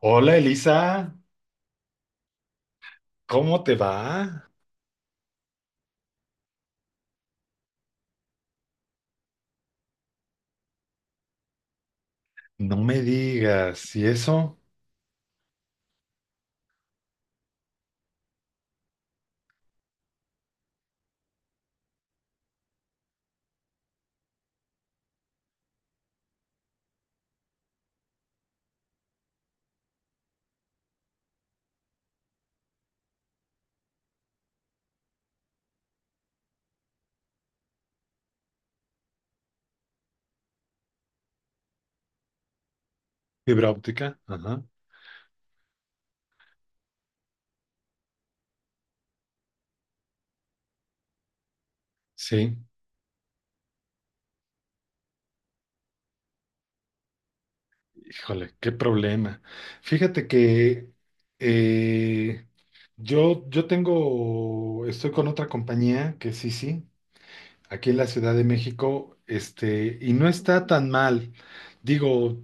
Hola Elisa, ¿cómo te va? No me digas, ¿y eso? ¿Fibra óptica? Ajá, sí. Híjole, qué problema. Fíjate que eh, yo tengo, estoy con otra compañía que sí, sí, aquí en la Ciudad de México, y no está tan mal. Digo,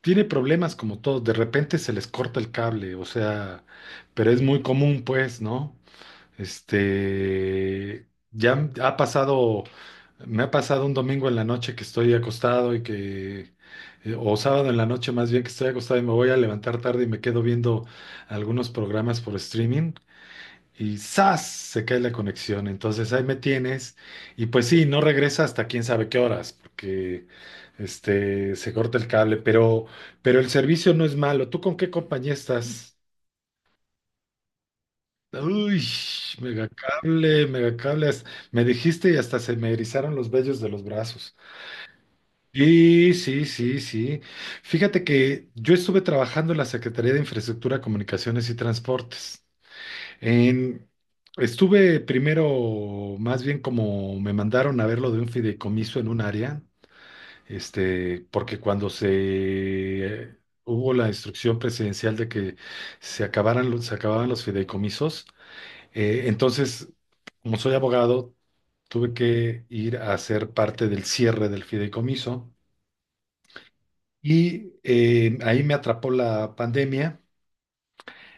tiene problemas como todos, de repente se les corta el cable, o sea, pero es muy común, pues, ¿no? Ya ha pasado, me ha pasado un domingo en la noche que estoy acostado y que, o sábado en la noche más bien que estoy acostado y me voy a levantar tarde y me quedo viendo algunos programas por streaming y ¡zas! Se cae la conexión. Entonces ahí me tienes y pues sí, no regresa hasta quién sabe qué horas porque se corta el cable, pero el servicio no es malo. ¿Tú con qué compañía estás? Uy, megacable, megacables. Me dijiste y hasta se me erizaron los vellos de los brazos. Sí, sí, sí, sí. Fíjate que yo estuve trabajando en la Secretaría de Infraestructura, Comunicaciones y Transportes. En- Estuve primero, más bien como me mandaron a ver lo de un fideicomiso en un área, porque cuando se hubo la instrucción presidencial de que se acabaran, se acababan los fideicomisos, entonces, como soy abogado, tuve que ir a ser parte del cierre del fideicomiso y ahí me atrapó la pandemia.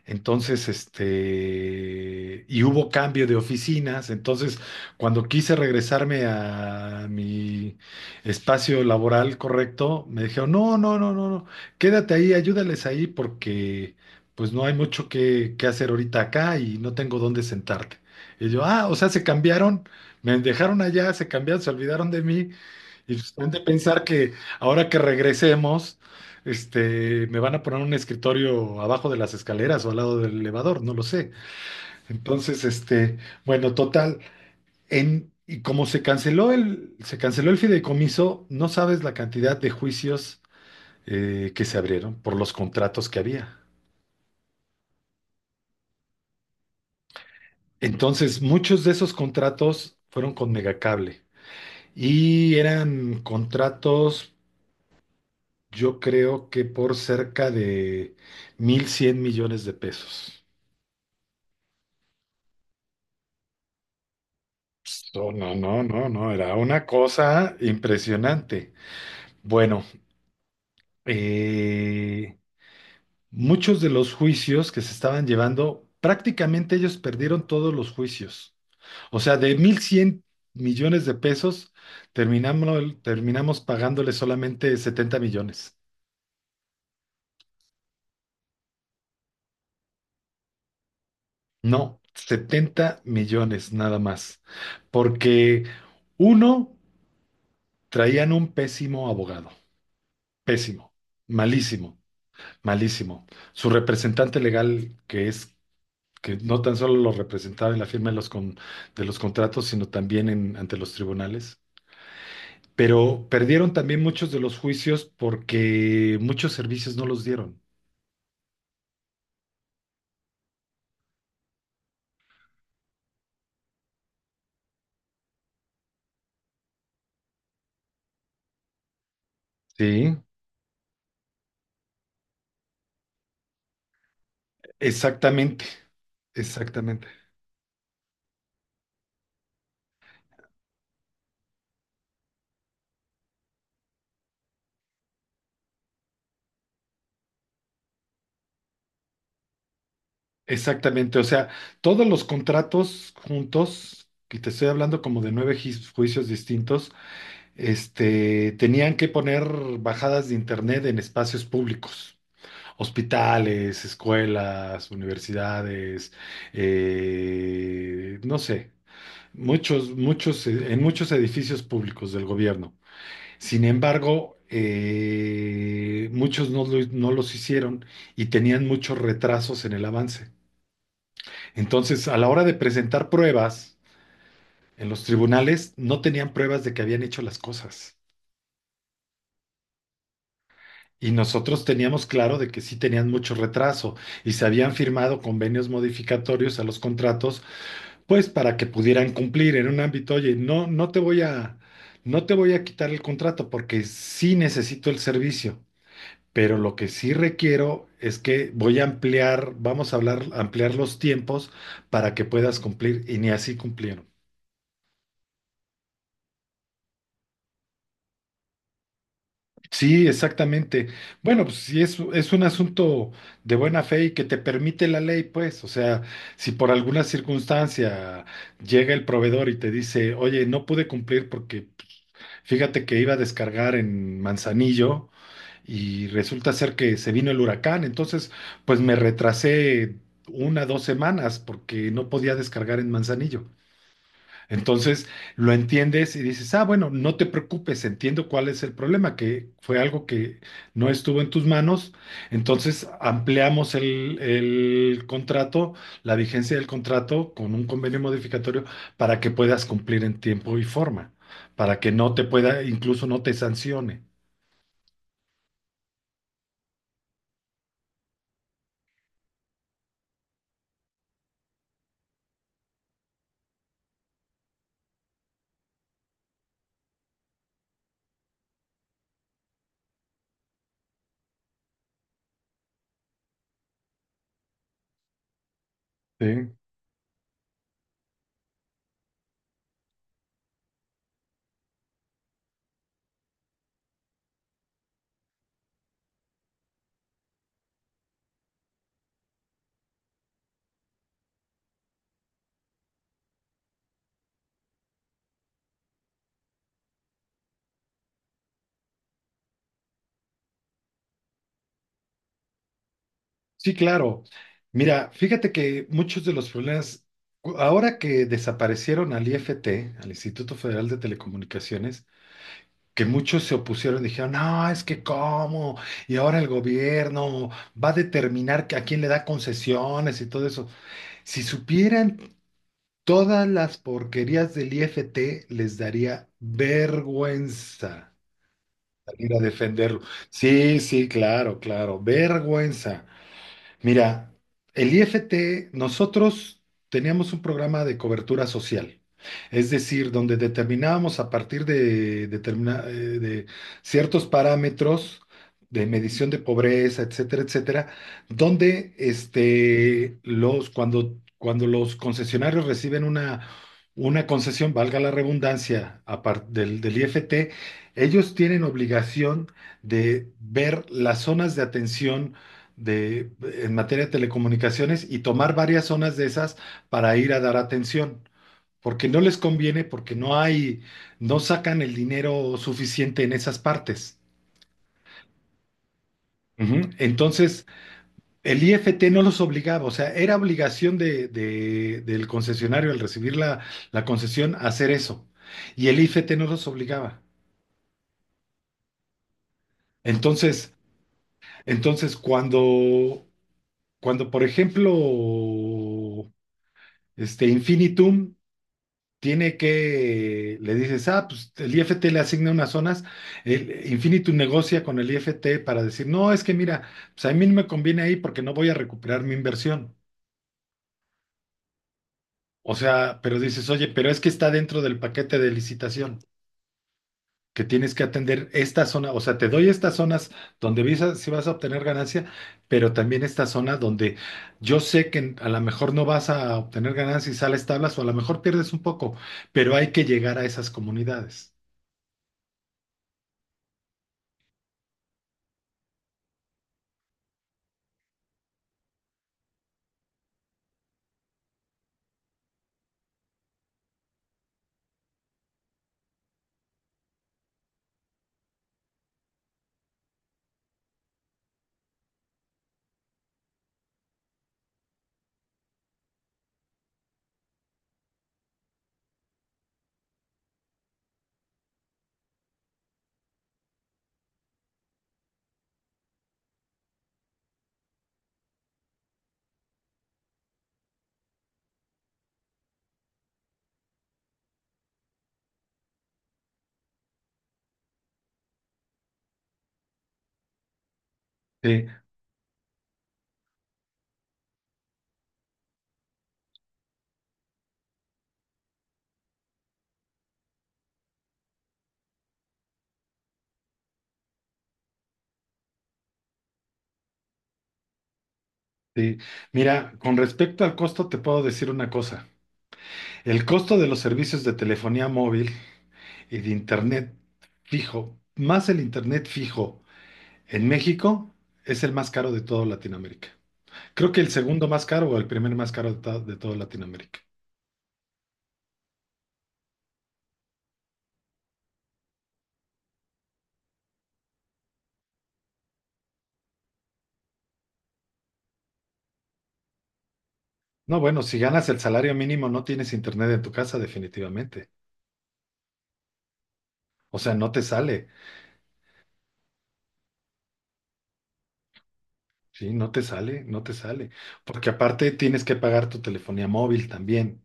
Entonces, y hubo cambio de oficinas. Entonces, cuando quise regresarme a mi espacio laboral correcto, me dijeron, no, no, no, no, no, quédate ahí, ayúdales ahí porque pues no hay mucho que hacer ahorita acá y no tengo dónde sentarte. Y yo, ah, o sea, se cambiaron, me dejaron allá, se cambiaron, se olvidaron de mí y justamente pensar que ahora que regresemos, me van a poner un escritorio abajo de las escaleras o al lado del elevador, no lo sé. Entonces, bueno, total, y como se canceló el fideicomiso, no sabes la cantidad de juicios que se abrieron por los contratos que había. Entonces, muchos de esos contratos fueron con Megacable y eran contratos. Yo creo que por cerca de 1,100 millones de pesos. No, no, no, no, no, era una cosa impresionante. Bueno, eh, muchos de los juicios que se estaban llevando, prácticamente ellos perdieron todos los juicios. O sea, de 1,100 millones de pesos, terminamos pagándole solamente 70 millones. No, 70 millones nada más. Porque uno... Traían un pésimo abogado, pésimo, malísimo, malísimo. Su representante legal, que es que no tan solo lo representaba en la firma de los, de los contratos, sino también ante los tribunales. Pero perdieron también muchos de los juicios porque muchos servicios no los dieron. Sí, exactamente, exactamente, exactamente. O sea, todos los contratos juntos, que te estoy hablando como de nueve juicios distintos, tenían que poner bajadas de internet en espacios públicos, hospitales, escuelas, universidades, no sé, muchos, muchos, en muchos edificios públicos del gobierno. Sin embargo, muchos no, no los hicieron y tenían muchos retrasos en el avance. Entonces, a la hora de presentar pruebas en los tribunales, no tenían pruebas de que habían hecho las cosas. Y nosotros teníamos claro de que sí tenían mucho retraso y se habían firmado convenios modificatorios a los contratos, pues para que pudieran cumplir en un ámbito, oye, no, no te voy a, no te voy a quitar el contrato porque sí necesito el servicio, pero lo que sí requiero es que voy a ampliar, vamos a hablar, ampliar los tiempos para que puedas cumplir y ni así cumplieron. Sí, exactamente. Bueno, pues sí, es un asunto de buena fe y que te permite la ley, pues, o sea, si por alguna circunstancia llega el proveedor y te dice, oye, no pude cumplir porque fíjate que iba a descargar en Manzanillo y resulta ser que se vino el huracán, entonces, pues me retrasé una, dos semanas porque no podía descargar en Manzanillo. Entonces lo entiendes y dices, ah, bueno, no te preocupes, entiendo cuál es el problema, que fue algo que no estuvo en tus manos. Entonces ampliamos el contrato, la vigencia del contrato con un convenio modificatorio para que puedas cumplir en tiempo y forma, para que no te pueda, incluso no te sancione. Sí, sí, claro. Mira, fíjate que muchos de los problemas, ahora que desaparecieron al IFT, al Instituto Federal de Telecomunicaciones, que muchos se opusieron, dijeron, no, es que cómo, y ahora el gobierno va a determinar que a quién le da concesiones y todo eso. Si supieran todas las porquerías del IFT, les daría vergüenza salir a defenderlo. Sí, sí, claro, claro, vergüenza. Mira, el IFT, nosotros teníamos un programa de cobertura social, es decir, donde determinábamos a partir de, de ciertos parámetros de medición de pobreza, etcétera, etcétera, donde cuando los concesionarios reciben una concesión, valga la redundancia, aparte del IFT, ellos tienen obligación de ver las zonas de atención de, en materia de telecomunicaciones y tomar varias zonas de esas para ir a dar atención, porque no les conviene, porque no hay, no sacan el dinero suficiente en esas partes. Ujú. Entonces, el IFT no los obligaba, o sea, era obligación del concesionario al recibir la concesión hacer eso, y el IFT no los obligaba. Entonces, entonces cuando, cuando por ejemplo, este Infinitum tiene que, le dices, ah, pues el IFT le asigna unas zonas, el Infinitum negocia con el IFT para decir, no, es que mira, pues a mí no me conviene ahí porque no voy a recuperar mi inversión. O sea, pero dices, oye, pero es que está dentro del paquete de licitación, que tienes que atender esta zona, o sea, te doy estas zonas donde visas, si vas a obtener ganancia, pero también esta zona donde yo sé que a lo mejor no vas a obtener ganancia y sales tablas, o a lo mejor pierdes un poco, pero hay que llegar a esas comunidades. Sí. Sí. Mira, con respecto al costo, te puedo decir una cosa. El costo de los servicios de telefonía móvil y de internet fijo, más el internet fijo en México, es el más caro de toda Latinoamérica. Creo que el segundo más caro o el primer más caro de, de toda Latinoamérica. No, bueno, si ganas el salario mínimo, no tienes internet en tu casa, definitivamente. O sea, no te sale. Sí, no te sale, no te sale. Porque aparte tienes que pagar tu telefonía móvil también.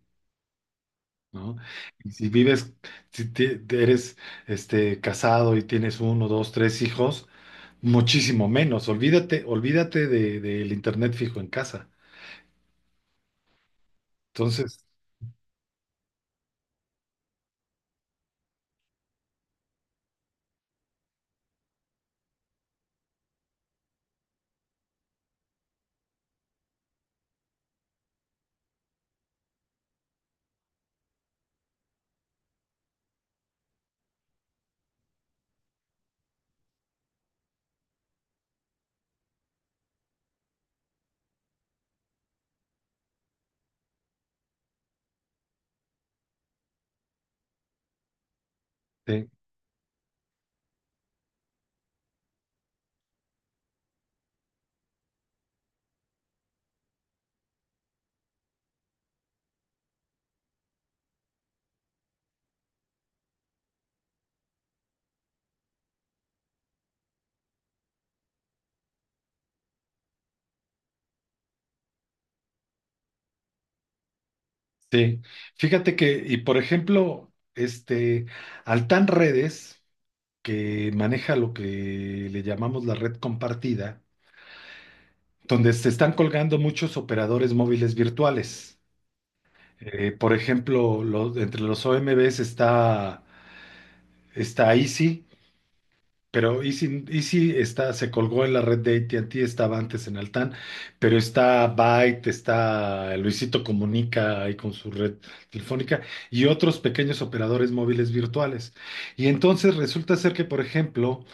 ¿No? Y si vives, si te- te eres casado y tienes uno, dos, tres hijos, muchísimo menos. Olvídate, olvídate del internet fijo en casa. Entonces, sí, sí. Fíjate que, y por ejemplo, Altán Redes, que maneja lo que le llamamos la red compartida, donde se están colgando muchos operadores móviles virtuales. Por ejemplo, entre los OMBs está Easy. Pero Easy está, se colgó en la red de AT&T, estaba antes en Altán, pero está Byte, está Luisito Comunica ahí con su red telefónica y otros pequeños operadores móviles virtuales. Y entonces resulta ser que, por ejemplo,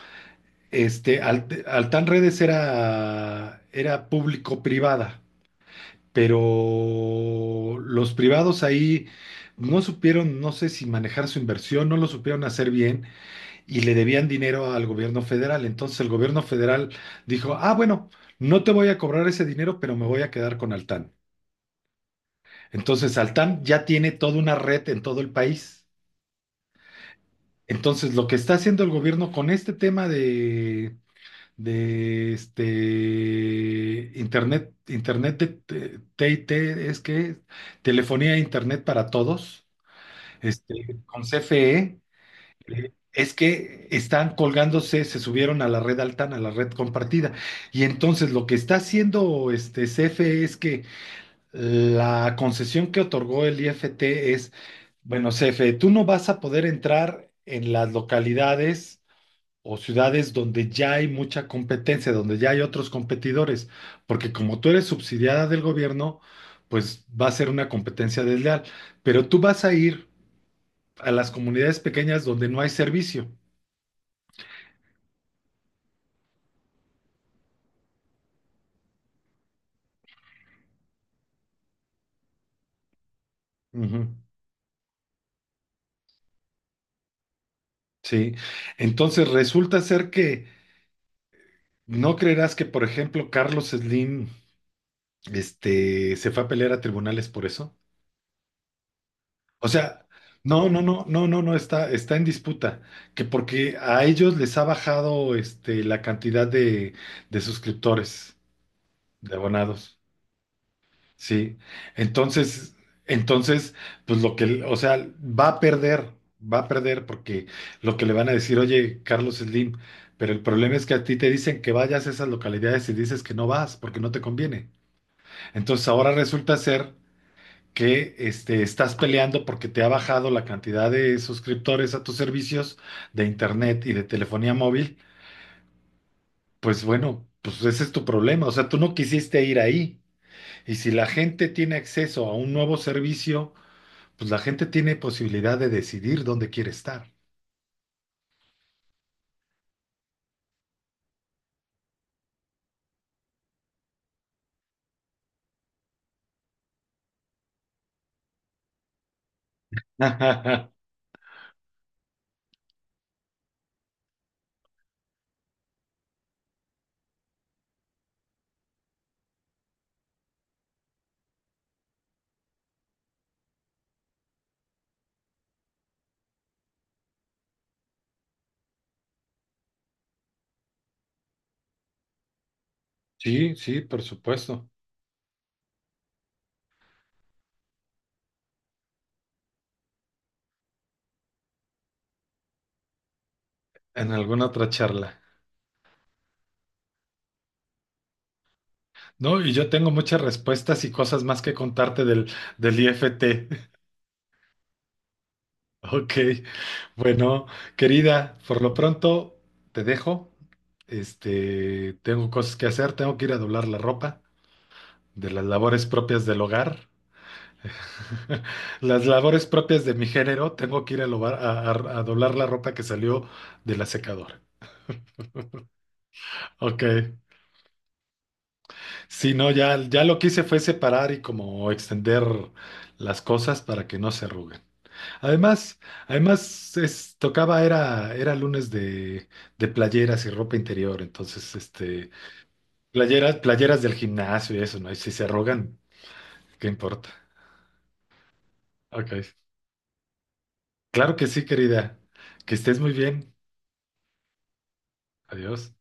Altán Redes era público-privada, pero los privados ahí no supieron, no sé si manejar su inversión, no lo supieron hacer bien y le debían dinero al gobierno federal. Entonces el gobierno federal dijo, ah, bueno, no te voy a cobrar ese dinero, pero me voy a quedar con Altán. Entonces Altán ya tiene toda una red en todo el país. Entonces lo que está haciendo el gobierno con este tema de este internet de T es que telefonía e internet para todos, con CFE. Es que están colgándose, se subieron a la red Altán, a la red compartida. Y entonces lo que está haciendo este CFE es que la concesión que otorgó el IFT es, bueno, CFE, tú no vas a poder entrar en las localidades o ciudades donde ya hay mucha competencia, donde ya hay otros competidores, porque como tú eres subsidiada del gobierno, pues va a ser una competencia desleal. Pero tú vas a ir a las comunidades pequeñas donde no hay servicio. Ujú, sí, entonces resulta ser que no creerás que, por ejemplo, Carlos Slim, se fue a pelear a tribunales por eso. O sea, no, no, no, no, no, no está, está en disputa, que porque a ellos les ha bajado, la cantidad de suscriptores, de abonados. Sí, entonces, entonces, pues lo que, o sea, va a perder porque lo que le van a decir, oye, Carlos Slim, pero el problema es que a ti te dicen que vayas a esas localidades y dices que no vas porque no te conviene. Entonces ahora resulta ser que estás peleando porque te ha bajado la cantidad de suscriptores a tus servicios de internet y de telefonía móvil. Pues bueno, pues ese es tu problema, o sea, tú no quisiste ir ahí. Y si la gente tiene acceso a un nuevo servicio, pues la gente tiene posibilidad de decidir dónde quiere estar. Sí, sí, por supuesto. En alguna otra charla. No, y yo tengo muchas respuestas y cosas más que contarte del IFT. Ok. Bueno, querida, por lo pronto te dejo. Tengo cosas que hacer, tengo que ir a doblar la ropa de las labores propias del hogar. Las labores propias de mi género, tengo que ir a, lobar- a doblar la ropa que salió de la secadora. Ok. Sí, no, ya, ya lo que hice fue separar y como extender las cosas para que no se arruguen. Además, además tocaba, era lunes de playeras y ropa interior, entonces, playeras, playeras del gimnasio y eso, ¿no? Y si se arrugan, ¿qué importa? Ok. Claro que sí, querida. Que estés muy bien. Adiós.